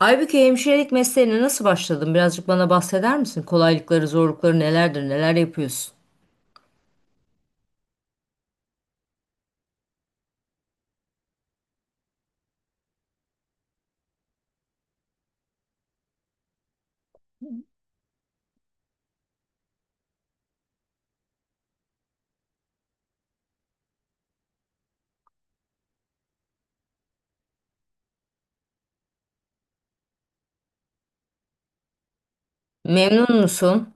Aybüke, hemşirelik mesleğine nasıl başladın? Birazcık bana bahseder misin? Kolaylıkları, zorlukları nelerdir? Neler yapıyorsun? Memnun musun?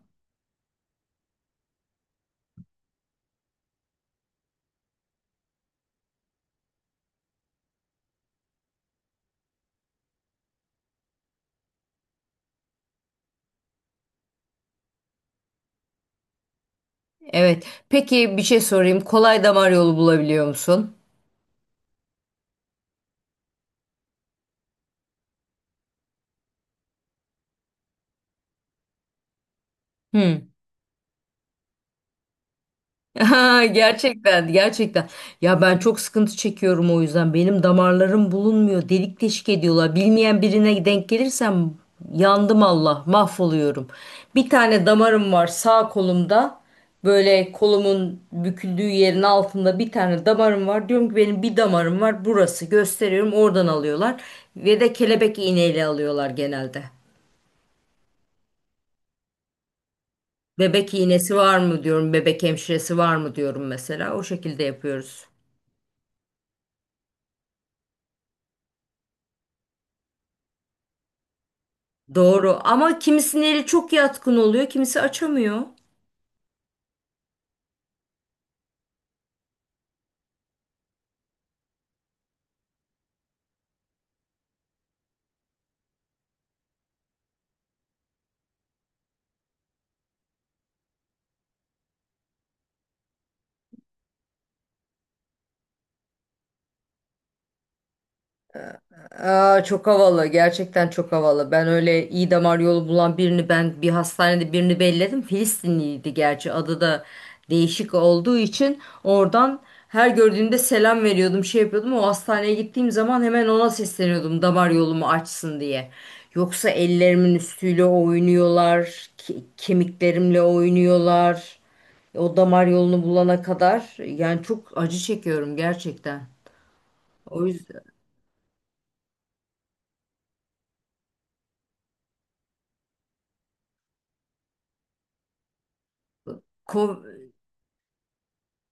Evet. Peki bir şey sorayım. Kolay damar yolu bulabiliyor musun? Hı. Ha, gerçekten, gerçekten. Ya ben çok sıkıntı çekiyorum o yüzden. Benim damarlarım bulunmuyor. Delik deşik ediyorlar. Bilmeyen birine denk gelirsem yandım Allah, mahvoluyorum. Bir tane damarım var sağ kolumda. Böyle kolumun büküldüğü yerin altında bir tane damarım var. Diyorum ki benim bir damarım var. Burası gösteriyorum. Oradan alıyorlar. Ve de kelebek iğneyle alıyorlar genelde. Bebek iğnesi var mı diyorum. Bebek hemşiresi var mı diyorum mesela. O şekilde yapıyoruz. Doğru ama kimisinin eli çok yatkın oluyor, kimisi açamıyor. Aa, çok havalı. Gerçekten çok havalı. Ben öyle iyi damar yolu bulan birini ben bir hastanede birini belledim. Filistinliydi gerçi. Adı da değişik olduğu için oradan her gördüğümde selam veriyordum, şey yapıyordum. O hastaneye gittiğim zaman hemen ona sesleniyordum damar yolumu açsın diye. Yoksa ellerimin üstüyle oynuyorlar, kemiklerimle oynuyorlar. O damar yolunu bulana kadar yani çok acı çekiyorum gerçekten. O yüzden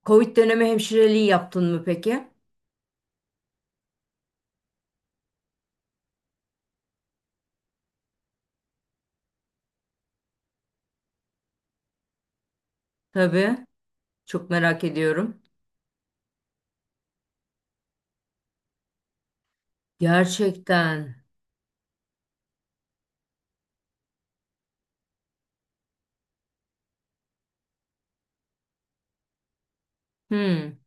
Covid dönemi hemşireliği yaptın mı peki? Tabii. Çok merak ediyorum. Gerçekten. Hmm.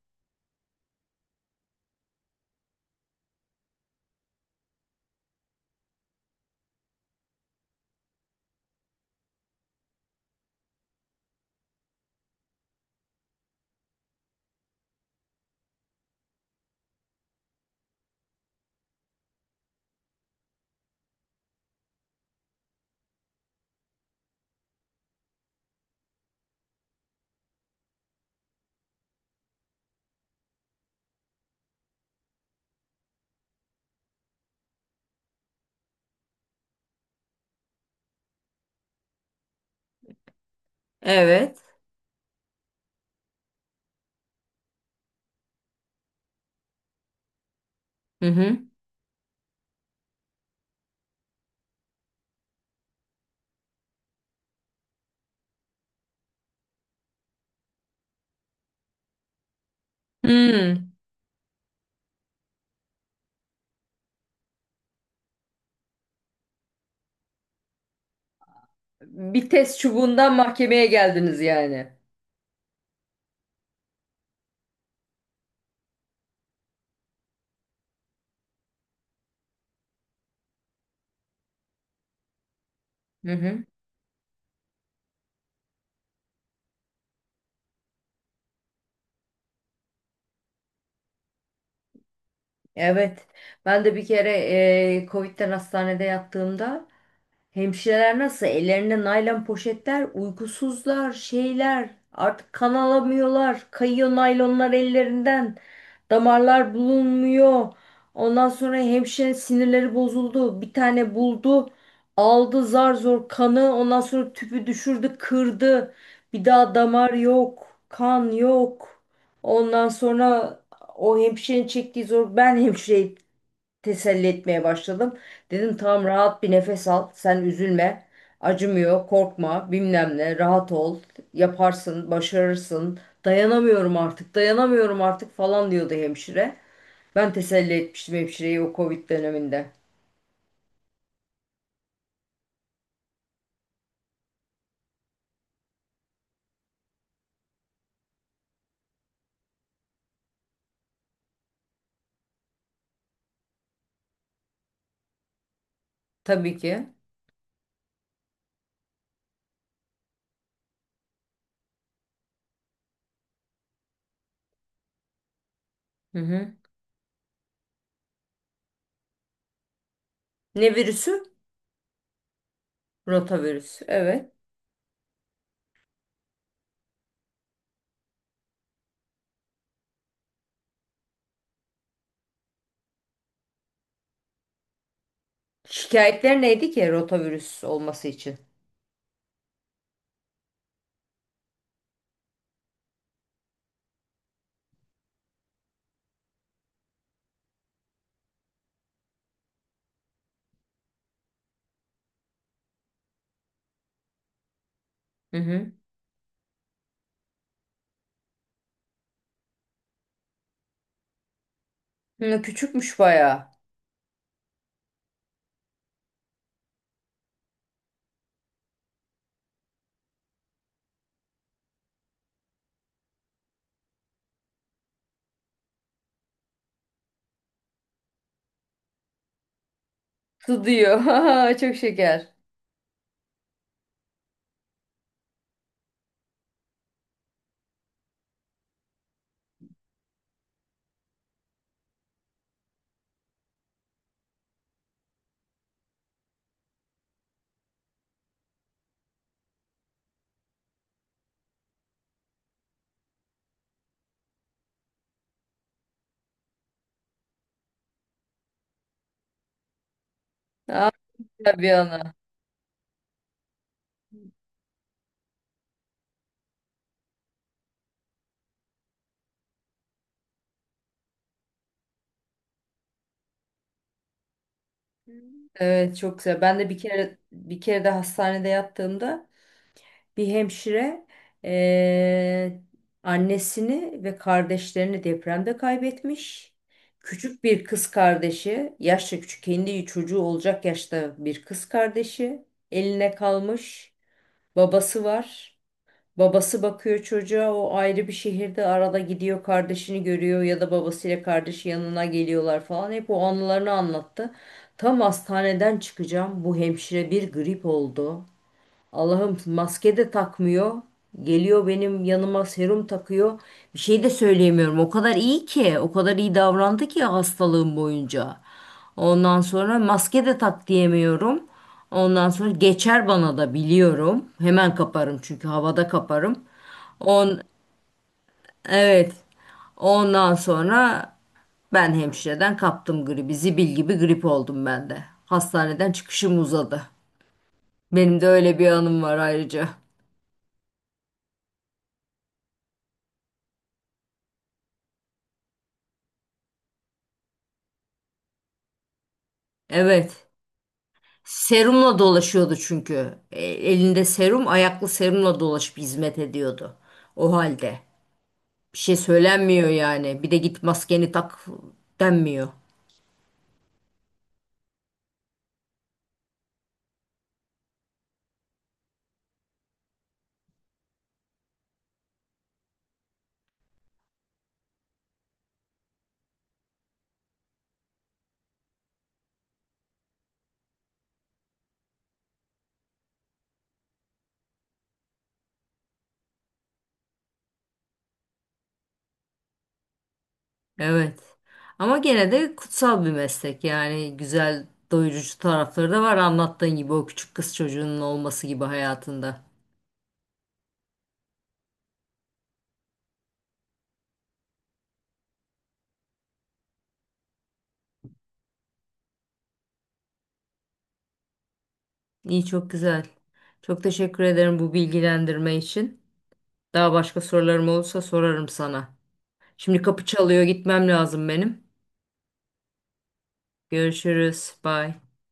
Evet. Hı hı. Hmm. Bir test çubuğundan mahkemeye geldiniz yani. Hı hı. Evet. Ben de bir kere Covid'den hastanede yattığımda hemşireler nasıl? Ellerinde naylon poşetler, uykusuzlar, şeyler. Artık kan alamıyorlar. Kayıyor naylonlar ellerinden. Damarlar bulunmuyor. Ondan sonra hemşire sinirleri bozuldu. Bir tane buldu. Aldı zar zor kanı. Ondan sonra tüpü düşürdü, kırdı. Bir daha damar yok. Kan yok. Ondan sonra o hemşirenin çektiği zor. Ben hemşire teselli etmeye başladım. Dedim tamam rahat bir nefes al. Sen üzülme. Acımıyor, korkma, bilmem ne. Rahat ol. Yaparsın, başarırsın. Dayanamıyorum artık, dayanamıyorum artık falan diyordu hemşire. Ben teselli etmiştim hemşireyi o Covid döneminde. Tabii ki. Hı hı. Ne virüsü? Rotavirüs. Evet. Şikayetler neydi ki rotavirüs olması için? Hı hı. Hı, küçükmüş bayağı. Su diyor. Çok şeker. Aa, bir ana. Evet çok güzel. Ben de bir kere bir kere de hastanede yattığımda bir hemşire eee, annesini ve kardeşlerini depremde kaybetmiş. Küçük bir kız kardeşi, yaşça küçük kendi çocuğu olacak yaşta bir kız kardeşi eline kalmış. Babası var. Babası bakıyor çocuğa, o ayrı bir şehirde, arada gidiyor kardeşini görüyor ya da babasıyla kardeşi yanına geliyorlar falan, hep o anılarını anlattı. Tam hastaneden çıkacağım bu hemşire bir grip oldu. Allah'ım, maske de takmıyor. Geliyor benim yanıma serum takıyor. Bir şey de söyleyemiyorum. O kadar iyi ki, o kadar iyi davrandı ki hastalığım boyunca. Ondan sonra maske de tak diyemiyorum. Ondan sonra geçer bana da biliyorum. Hemen kaparım çünkü havada kaparım. On evet. Ondan sonra ben hemşireden kaptım gribi. Zibil gibi grip oldum ben de. Hastaneden çıkışım uzadı. Benim de öyle bir anım var ayrıca. Evet. Serumla dolaşıyordu çünkü. Elinde serum, ayaklı serumla dolaşıp hizmet ediyordu. O halde. Bir şey söylenmiyor yani. Bir de git maskeni tak denmiyor. Evet. Ama gene de kutsal bir meslek. Yani güzel doyurucu tarafları da var. Anlattığın gibi, o küçük kız çocuğunun olması gibi hayatında. İyi, çok güzel. Çok teşekkür ederim bu bilgilendirme için. Daha başka sorularım olursa sorarım sana. Şimdi kapı çalıyor, gitmem lazım benim. Görüşürüz. Bye.